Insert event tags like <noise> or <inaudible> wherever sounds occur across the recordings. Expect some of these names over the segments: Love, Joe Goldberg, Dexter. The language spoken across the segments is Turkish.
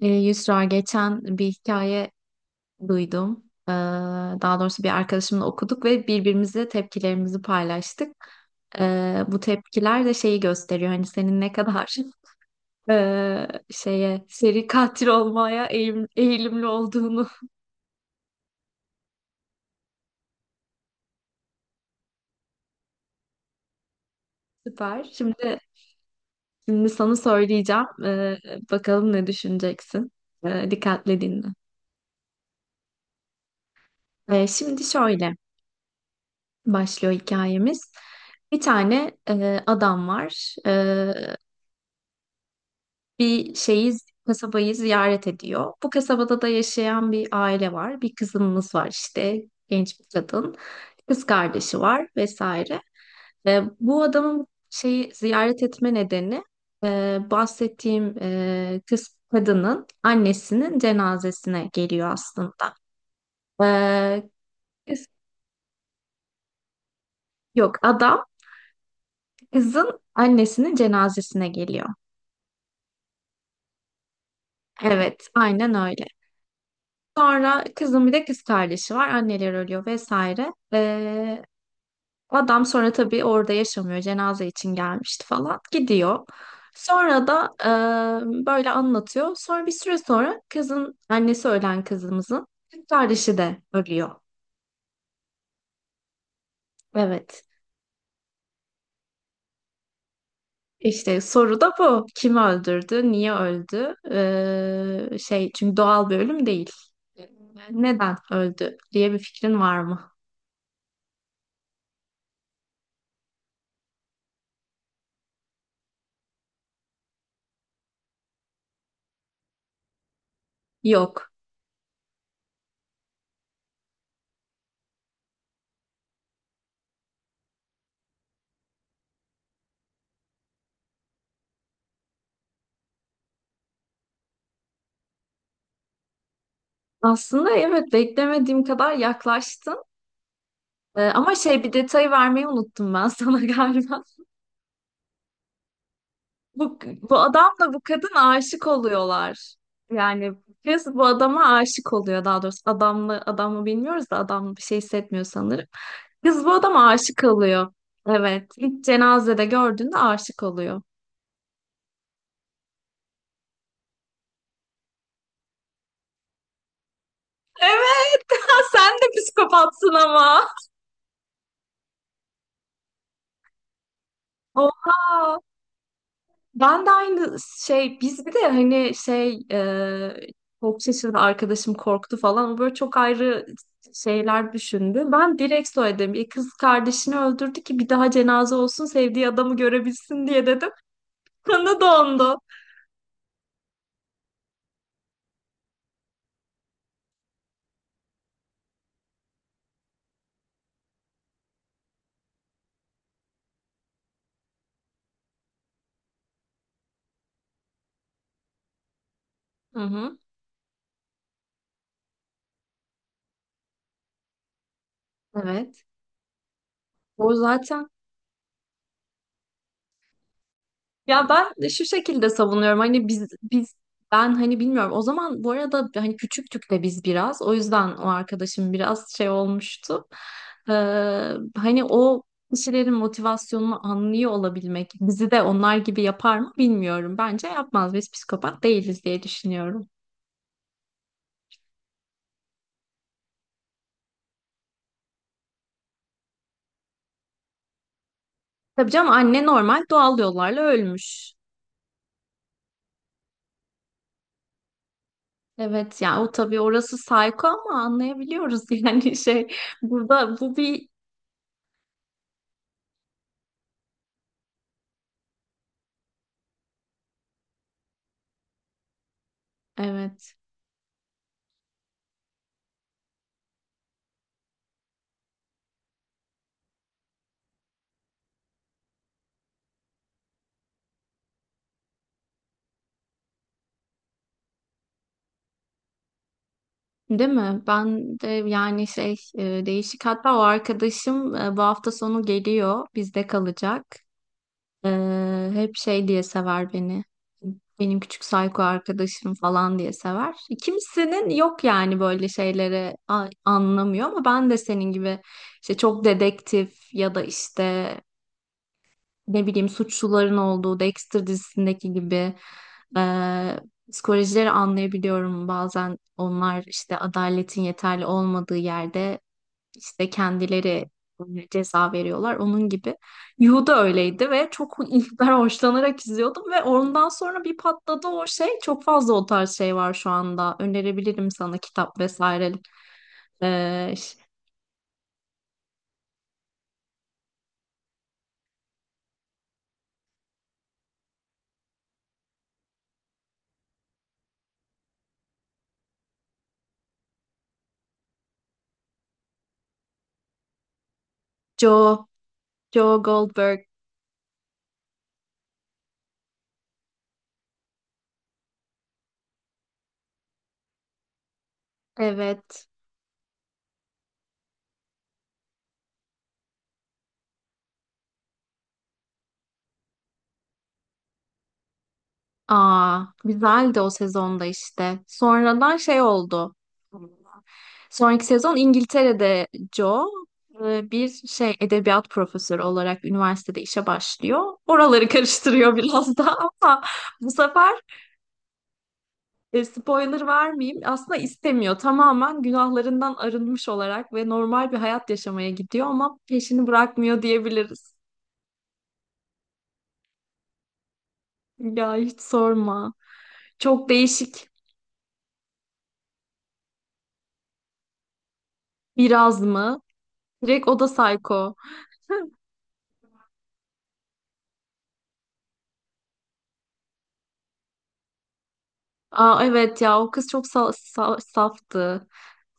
Yusra geçen bir hikaye duydum. Ee, Daha doğrusu bir arkadaşımla okuduk ve birbirimize tepkilerimizi paylaştık. Bu tepkiler de şeyi gösteriyor. Hani senin ne kadar <laughs> şeye seri katil olmaya eğilimli olduğunu. <laughs> Süper. Şimdi sana söyleyeceğim. Bakalım ne düşüneceksin. Dikkatle dinle. Şimdi şöyle başlıyor hikayemiz. Bir tane adam var. Bir şeyi, kasabayı ziyaret ediyor. Bu kasabada da yaşayan bir aile var. Bir kızımız var işte, genç bir kadın. Kız kardeşi var vesaire. Bu adamın şeyi ziyaret etme nedeni bahsettiğim kız kadının annesinin cenazesine geliyor aslında. E, Kız, yok adam kızın annesinin cenazesine geliyor. Evet, aynen öyle. Sonra kızın bir de kız kardeşi var. Anneler ölüyor vesaire. Adam sonra tabii orada yaşamıyor. Cenaze için gelmişti falan. Gidiyor. Sonra da böyle anlatıyor. Sonra bir süre sonra kızın annesi ölen kızımızın kız kardeşi de ölüyor. Evet. İşte soru da bu. Kim öldürdü? Niye öldü? Şey çünkü doğal bir ölüm değil. Neden öldü diye bir fikrin var mı? Yok. Aslında evet beklemediğim kadar yaklaştın. Ama şey bir detayı vermeyi unuttum ben <laughs> sana galiba. Bu, bu adamla bu kadın aşık oluyorlar. Yani kız bu adama aşık oluyor daha doğrusu. Adamla adamı bilmiyoruz da adam bir şey hissetmiyor sanırım. Kız bu adama aşık oluyor. Evet. ilk cenazede gördüğünde aşık oluyor. Evet, sen de psikopatsın ama. Oha. Ben de aynı şey biz bir de hani şey çok şaşırdı arkadaşım korktu falan o böyle çok ayrı şeyler düşündü. Ben direkt söyledim bir kız kardeşini öldürdü ki bir daha cenaze olsun sevdiği adamı görebilsin diye dedim. <laughs> Kanı dondu. Hı hı. Evet. O zaten ya ben de şu şekilde savunuyorum hani biz ben hani bilmiyorum o zaman bu arada hani küçüktük de biz biraz o yüzden o arkadaşım biraz şey olmuştu. Ee, Hani o kişilerin motivasyonunu anlıyor olabilmek bizi de onlar gibi yapar mı bilmiyorum. Bence yapmaz biz psikopat değiliz diye düşünüyorum. Tabii canım anne normal doğal yollarla ölmüş. Evet yani o tabii orası sayko ama anlayabiliyoruz <laughs> yani şey burada bu bir evet. Değil mi? Ben de yani şey değişik hatta o arkadaşım bu hafta sonu geliyor bizde kalacak. Hep şey diye sever beni. Benim küçük psycho arkadaşım falan diye sever. Kimsenin yok yani böyle şeyleri anlamıyor ama ben de senin gibi işte çok dedektif ya da işte ne bileyim suçluların olduğu Dexter dizisindeki gibi e, psikolojileri anlayabiliyorum. Bazen onlar işte adaletin yeterli olmadığı yerde işte kendileri ceza veriyorlar. Onun gibi Yu da öyleydi ve çok <laughs> ilkler hoşlanarak izliyordum ve ondan sonra bir patladı o şey. Çok fazla o tarz şey var şu anda. Önerebilirim sana kitap vesaire. E, Joe, Joe Goldberg. Evet. Aa, güzeldi o sezonda işte. Sonradan şey oldu. Sonraki sezon İngiltere'de Joe bir şey edebiyat profesörü olarak üniversitede işe başlıyor. Oraları <laughs> karıştırıyor biraz da <laughs> ama bu sefer spoiler vermeyeyim. Aslında istemiyor. Tamamen günahlarından arınmış olarak ve normal bir hayat yaşamaya gidiyor ama peşini bırakmıyor diyebiliriz. Ya hiç sorma. Çok değişik. Biraz mı? Direkt o da psycho. Aa, evet ya o kız çok saftı.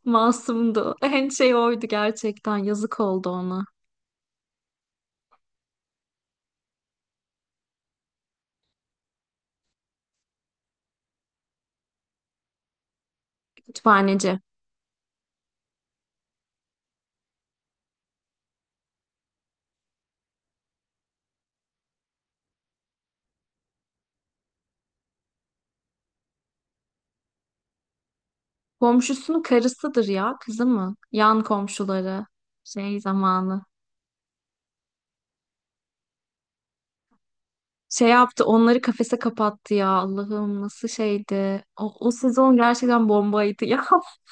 Masumdu. En şey oydu gerçekten. Yazık oldu ona. Kütüphaneci. Komşusunun karısıdır ya kızı mı? Yan komşuları. Şey zamanı. Şey yaptı onları kafese kapattı ya Allah'ım nasıl şeydi. O sezon gerçekten bombaydı ya. <laughs>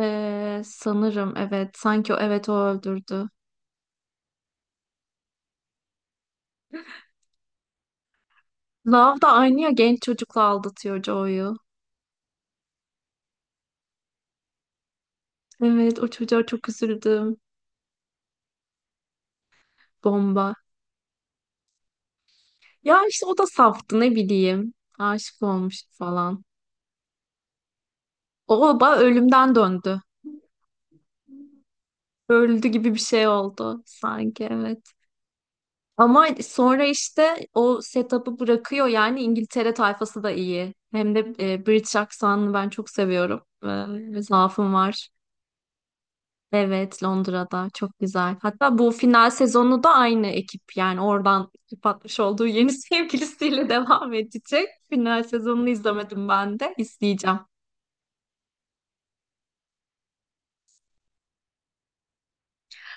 Sanırım evet sanki o evet o öldürdü. Love da aynı ya genç çocukla aldatıyor Joy'u. Evet o çocuğa çok üzüldüm. Bomba. Ya işte o da saftı ne bileyim. Aşık olmuş falan. O da ölümden döndü. Öldü gibi bir şey oldu sanki evet. Ama sonra işte o setup'ı bırakıyor yani İngiltere tayfası da iyi. Hem de British aksanını ben çok seviyorum. Zaafım var. Evet Londra'da çok güzel. Hatta bu final sezonu da aynı ekip yani oradan patmış olduğu yeni <laughs> sevgilisiyle devam edecek. Final sezonunu izlemedim ben de izleyeceğim.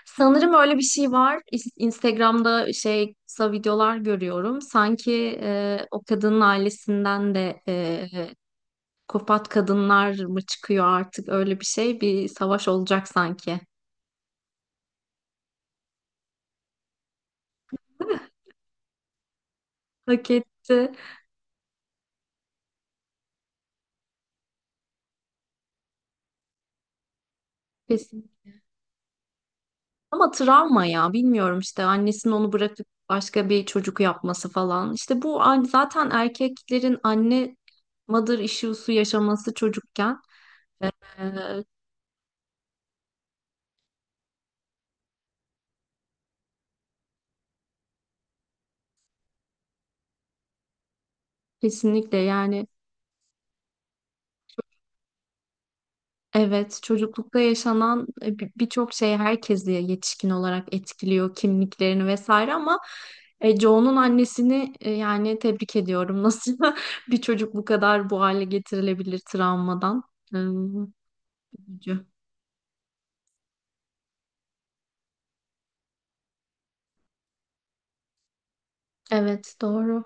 Sanırım öyle bir şey var. Instagram'da şey kısa videolar görüyorum. Sanki o kadının ailesinden de kopat kadınlar mı çıkıyor artık öyle bir şey. Bir savaş olacak sanki. Hak etti. Kesin. Ama travma ya bilmiyorum işte annesinin onu bırakıp başka bir çocuk yapması falan. İşte bu zaten erkeklerin anne mother issue'su yaşaması çocukken e, kesinlikle yani evet, çocuklukta yaşanan birçok şey herkesi yetişkin olarak etkiliyor, kimliklerini vesaire ama Joe'nun annesini yani tebrik ediyorum. <laughs> Nasıl bir çocuk bu kadar bu hale getirilebilir travmadan? Hmm, üzücü. Evet, doğru.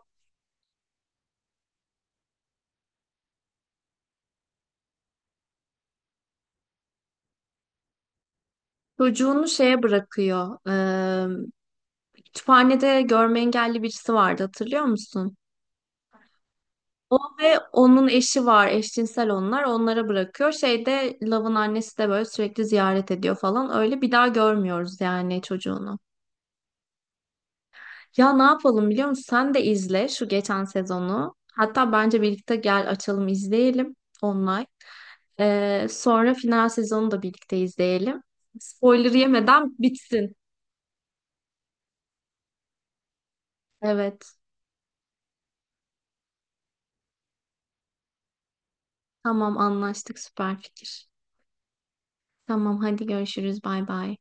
Çocuğunu şeye bırakıyor. Kütüphanede görme engelli birisi vardı, hatırlıyor musun? O ve onun eşi var. Eşcinsel onlar. Onlara bırakıyor. Şeyde Love'ın annesi de böyle sürekli ziyaret ediyor falan. Öyle bir daha görmüyoruz yani çocuğunu. Ya ne yapalım biliyor musun? Sen de izle şu geçen sezonu. Hatta bence birlikte gel açalım izleyelim online. Sonra final sezonu da birlikte izleyelim. Spoiler yemeden bitsin. Evet. Tamam anlaştık süper fikir. Tamam hadi görüşürüz bay bay.